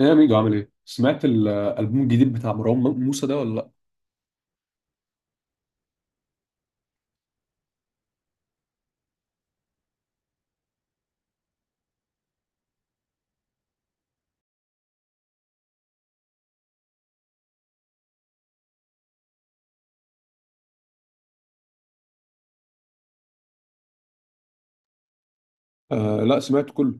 ايه يا ميجو؟ عامل ايه؟ سمعت الالبوم الجديد بتاع مروان موسى ده ولا لا؟ آه لا، سمعت كله.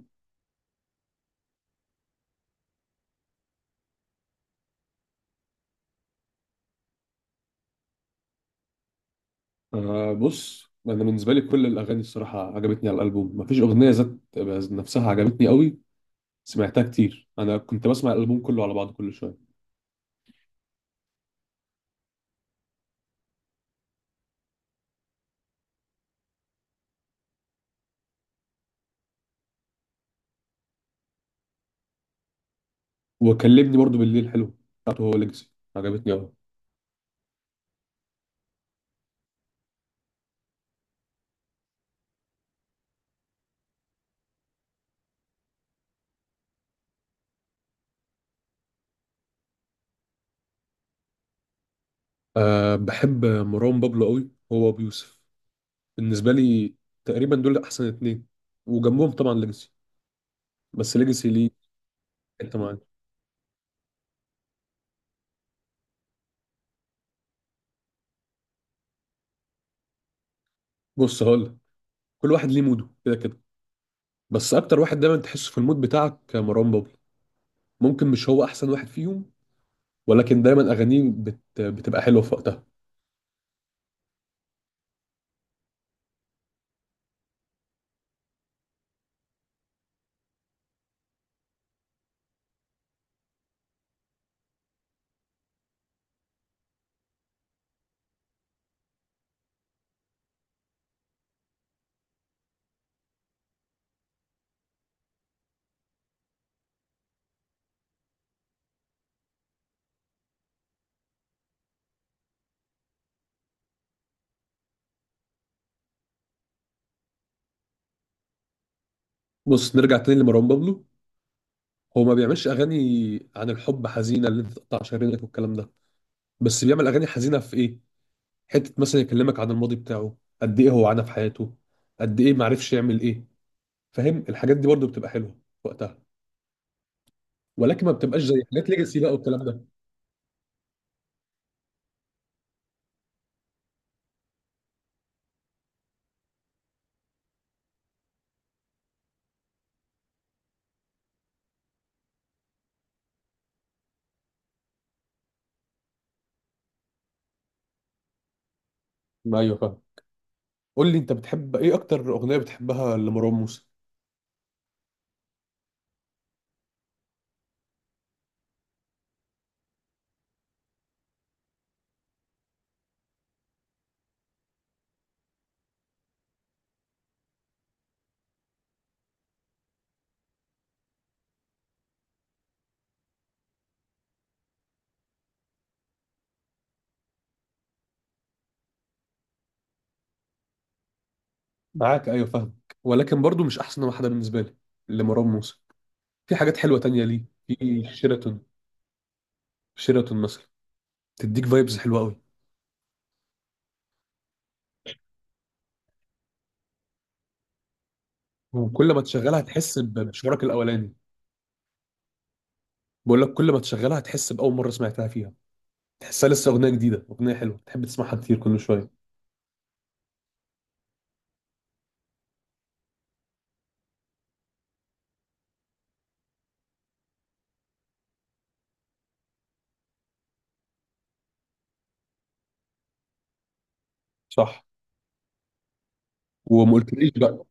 آه، بص انا بالنسبه لي كل الاغاني الصراحه عجبتني على الالبوم، مفيش اغنيه ذات نفسها عجبتني قوي. سمعتها كتير، انا كنت بسمع الالبوم كله على بعضه كل شويه. وكلمني برضو بالليل حلو، بتاعته هو، ليجاسي عجبتني قوي. آه، بحب مروان بابلو قوي، هو ابو يوسف بالنسبه لي. تقريبا دول احسن اتنين، وجنبهم طبعا ليجاسي. بس ليجاسي ليه، انت معايا؟ بص هقول لك، كل واحد ليه موده كده كده، بس اكتر واحد دايما تحسه في المود بتاعك مروان بابلو. ممكن مش هو احسن واحد فيهم، ولكن دايما اغانيه بتبقى حلوه في وقتها. بص نرجع تاني لمروان بابلو، هو ما بيعملش اغاني عن الحب حزينه اللي انت تقطع شرايينك والكلام ده، بس بيعمل اغاني حزينه في ايه؟ حته مثلا يكلمك عن الماضي بتاعه، قد ايه هو عانى في حياته، قد ايه ما عرفش يعمل ايه. فاهم؟ الحاجات دي برضو بتبقى حلوه في وقتها، ولكن ما بتبقاش زي حاجات ليجاسي بقى والكلام ده. ما ايوه فاهم. قول لي انت بتحب ايه؟ اكتر اغنيه بتحبها لمروان موسى؟ معاك، ايوه فاهم. ولكن برضو مش احسن واحده بالنسبه لي لمروان موسى. في حاجات حلوه تانية ليه، في شيراتون. شيراتون مثلا تديك فايبز حلوه قوي. وكل ما تشغلها تحس بشعورك الاولاني. بقول لك، كل ما تشغلها تحس باول مره سمعتها فيها. تحسها لسه اغنيه جديده، اغنيه حلوه تحب تسمعها كتير كل شويه. صح. وما قلتليش بقى؟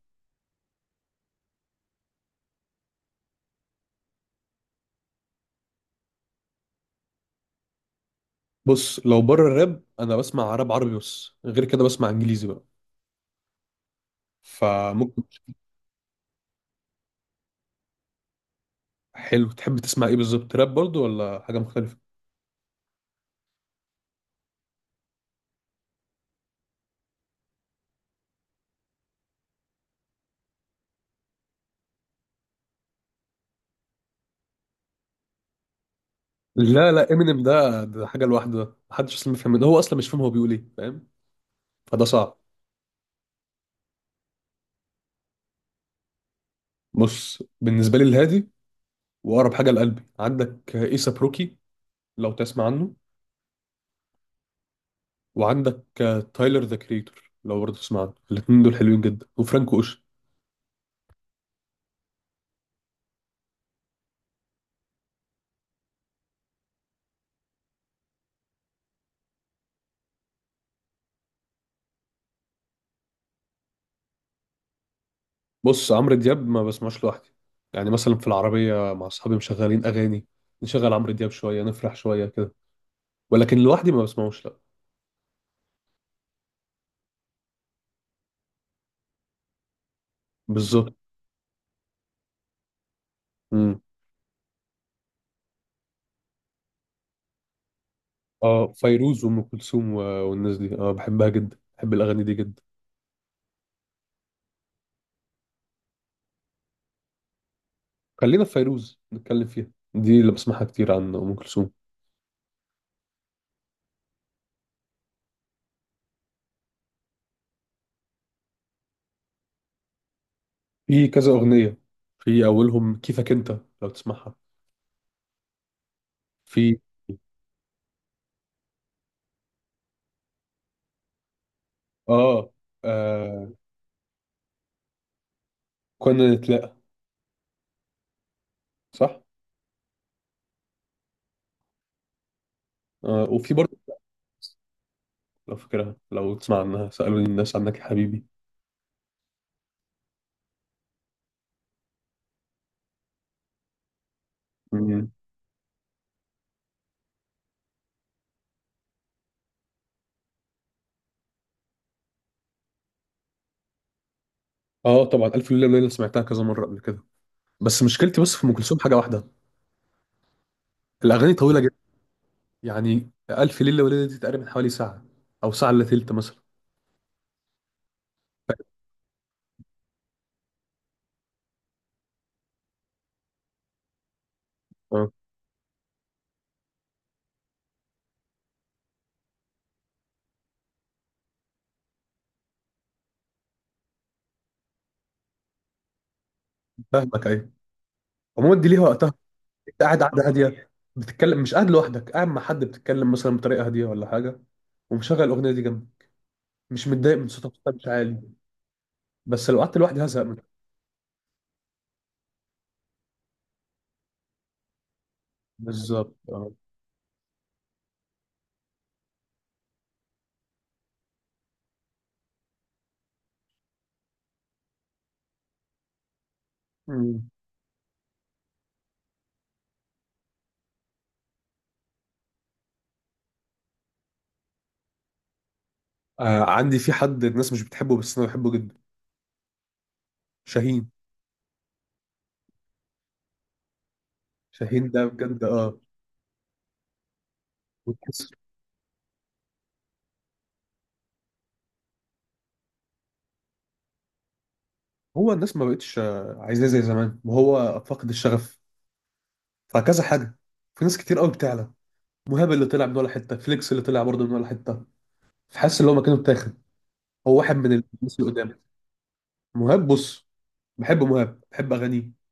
بص لو بره الراب، انا بسمع راب عربي بس. غير كده بسمع انجليزي بقى، فممكن. حلو، تحب تسمع ايه بالظبط؟ راب برضو ولا حاجه مختلفه؟ لا لا، امينيم ده حاجه لوحده، محدش اصلا بيفهم منه، هو اصلا مش فاهم هو بيقول ايه. فاهم؟ فده صعب. بص بالنسبه لي الهادي واقرب حاجه لقلبي عندك ايسا بروكي، لو تسمع عنه. وعندك تايلر ذا كريتور، لو برضه تسمع عنه. الاثنين دول حلوين جدا، وفرانكو اوشن. بص عمرو دياب ما بسمعش لوحدي. يعني مثلا في العربيه مع اصحابي مشغلين اغاني، نشغل عمرو دياب شويه نفرح شويه كده، ولكن لوحدي ما بسمعوش لا. بالظبط. امم اه، فيروز وام كلثوم والناس دي، اه بحبها جدا، بحب الاغاني دي جدا. خلينا في فيروز نتكلم فيها، دي اللي بسمعها كتير عن ام كلثوم. في كذا اغنيه، في اولهم كيفك انت، لو تسمعها. في اه, آه كنا نتلاقى. صح. وفي برضه، لو فاكرها، لو تسمع عنها، سالوني الناس عنك يا حبيبي. مم. اه طبعا الف ليله وليله سمعتها كذا مره قبل كده، بس مشكلتي بس في ام كلثوم حاجه واحده، الاغاني طويله جدا. يعني الف ليله وليله دي تقريبا حوالي ساعه، او ساعه الا تلت مثلا. ف- آه، فاهمك ايوه. عموما دي ليها وقتها. انت قاعد، قاعده هاديه، بتتكلم، مش قاعد لوحدك، قاعد مع حد بتتكلم مثلا بطريقه هاديه ولا حاجه، ومشغل الاغنيه دي جنبي، مش متضايق من صوتها، صوتها مش عالي. بس لو قعدت لوحدي هزهق منها. بالظبط اه. مم. آه عندي، في حد الناس مش بتحبه بس انا بحبه جدا، شاهين. شاهين ده بجد اه. وتحس، هو الناس ما بقتش عايزاه زي زمان، وهو فاقد الشغف، فكذا حاجه. في ناس كتير قوي بتعلى، مهاب اللي طلع من ولا حته، فليكس اللي طلع برضه من ولا حته، فحاسس ان هو مكانه اتاخد. هو واحد من الناس اللي قدام. مهاب، بص بحب مهاب، بحب اغانيه،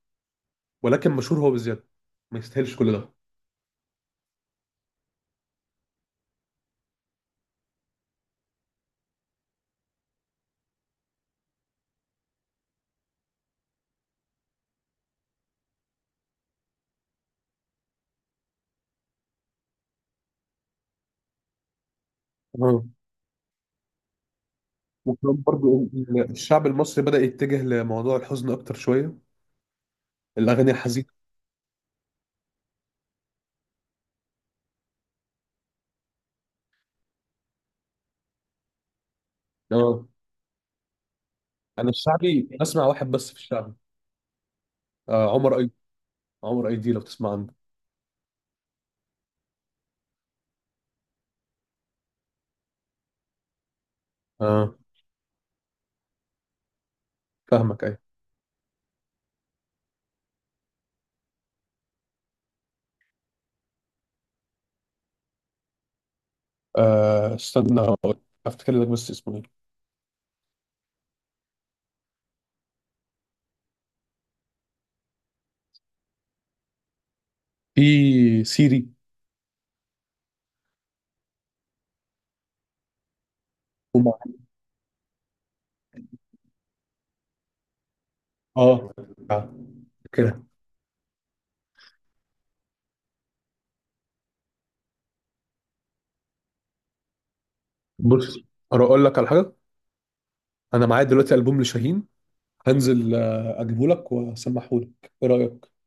ولكن مشهور هو بزياده، ما يستاهلش كل ده. اه. وكمان برضو الشعب المصري بدأ يتجه لموضوع الحزن أكتر شوية، الأغاني الحزينة. اه. أنا الشعبي بسمع واحد بس في الشعبي، آه عمر أيدي. عمر أيدي، لو تسمع عنه. اه فاهمك أيوة. آه استنى أفتكر لك، بس اسمه إيه؟ في سيري. ومع اه آه، كده. بص أقول لك على حاجة، أنا معايا دلوقتي ألبوم لشاهين. هنزل أجيبه لك وأسمحه لك. إيه رأيك؟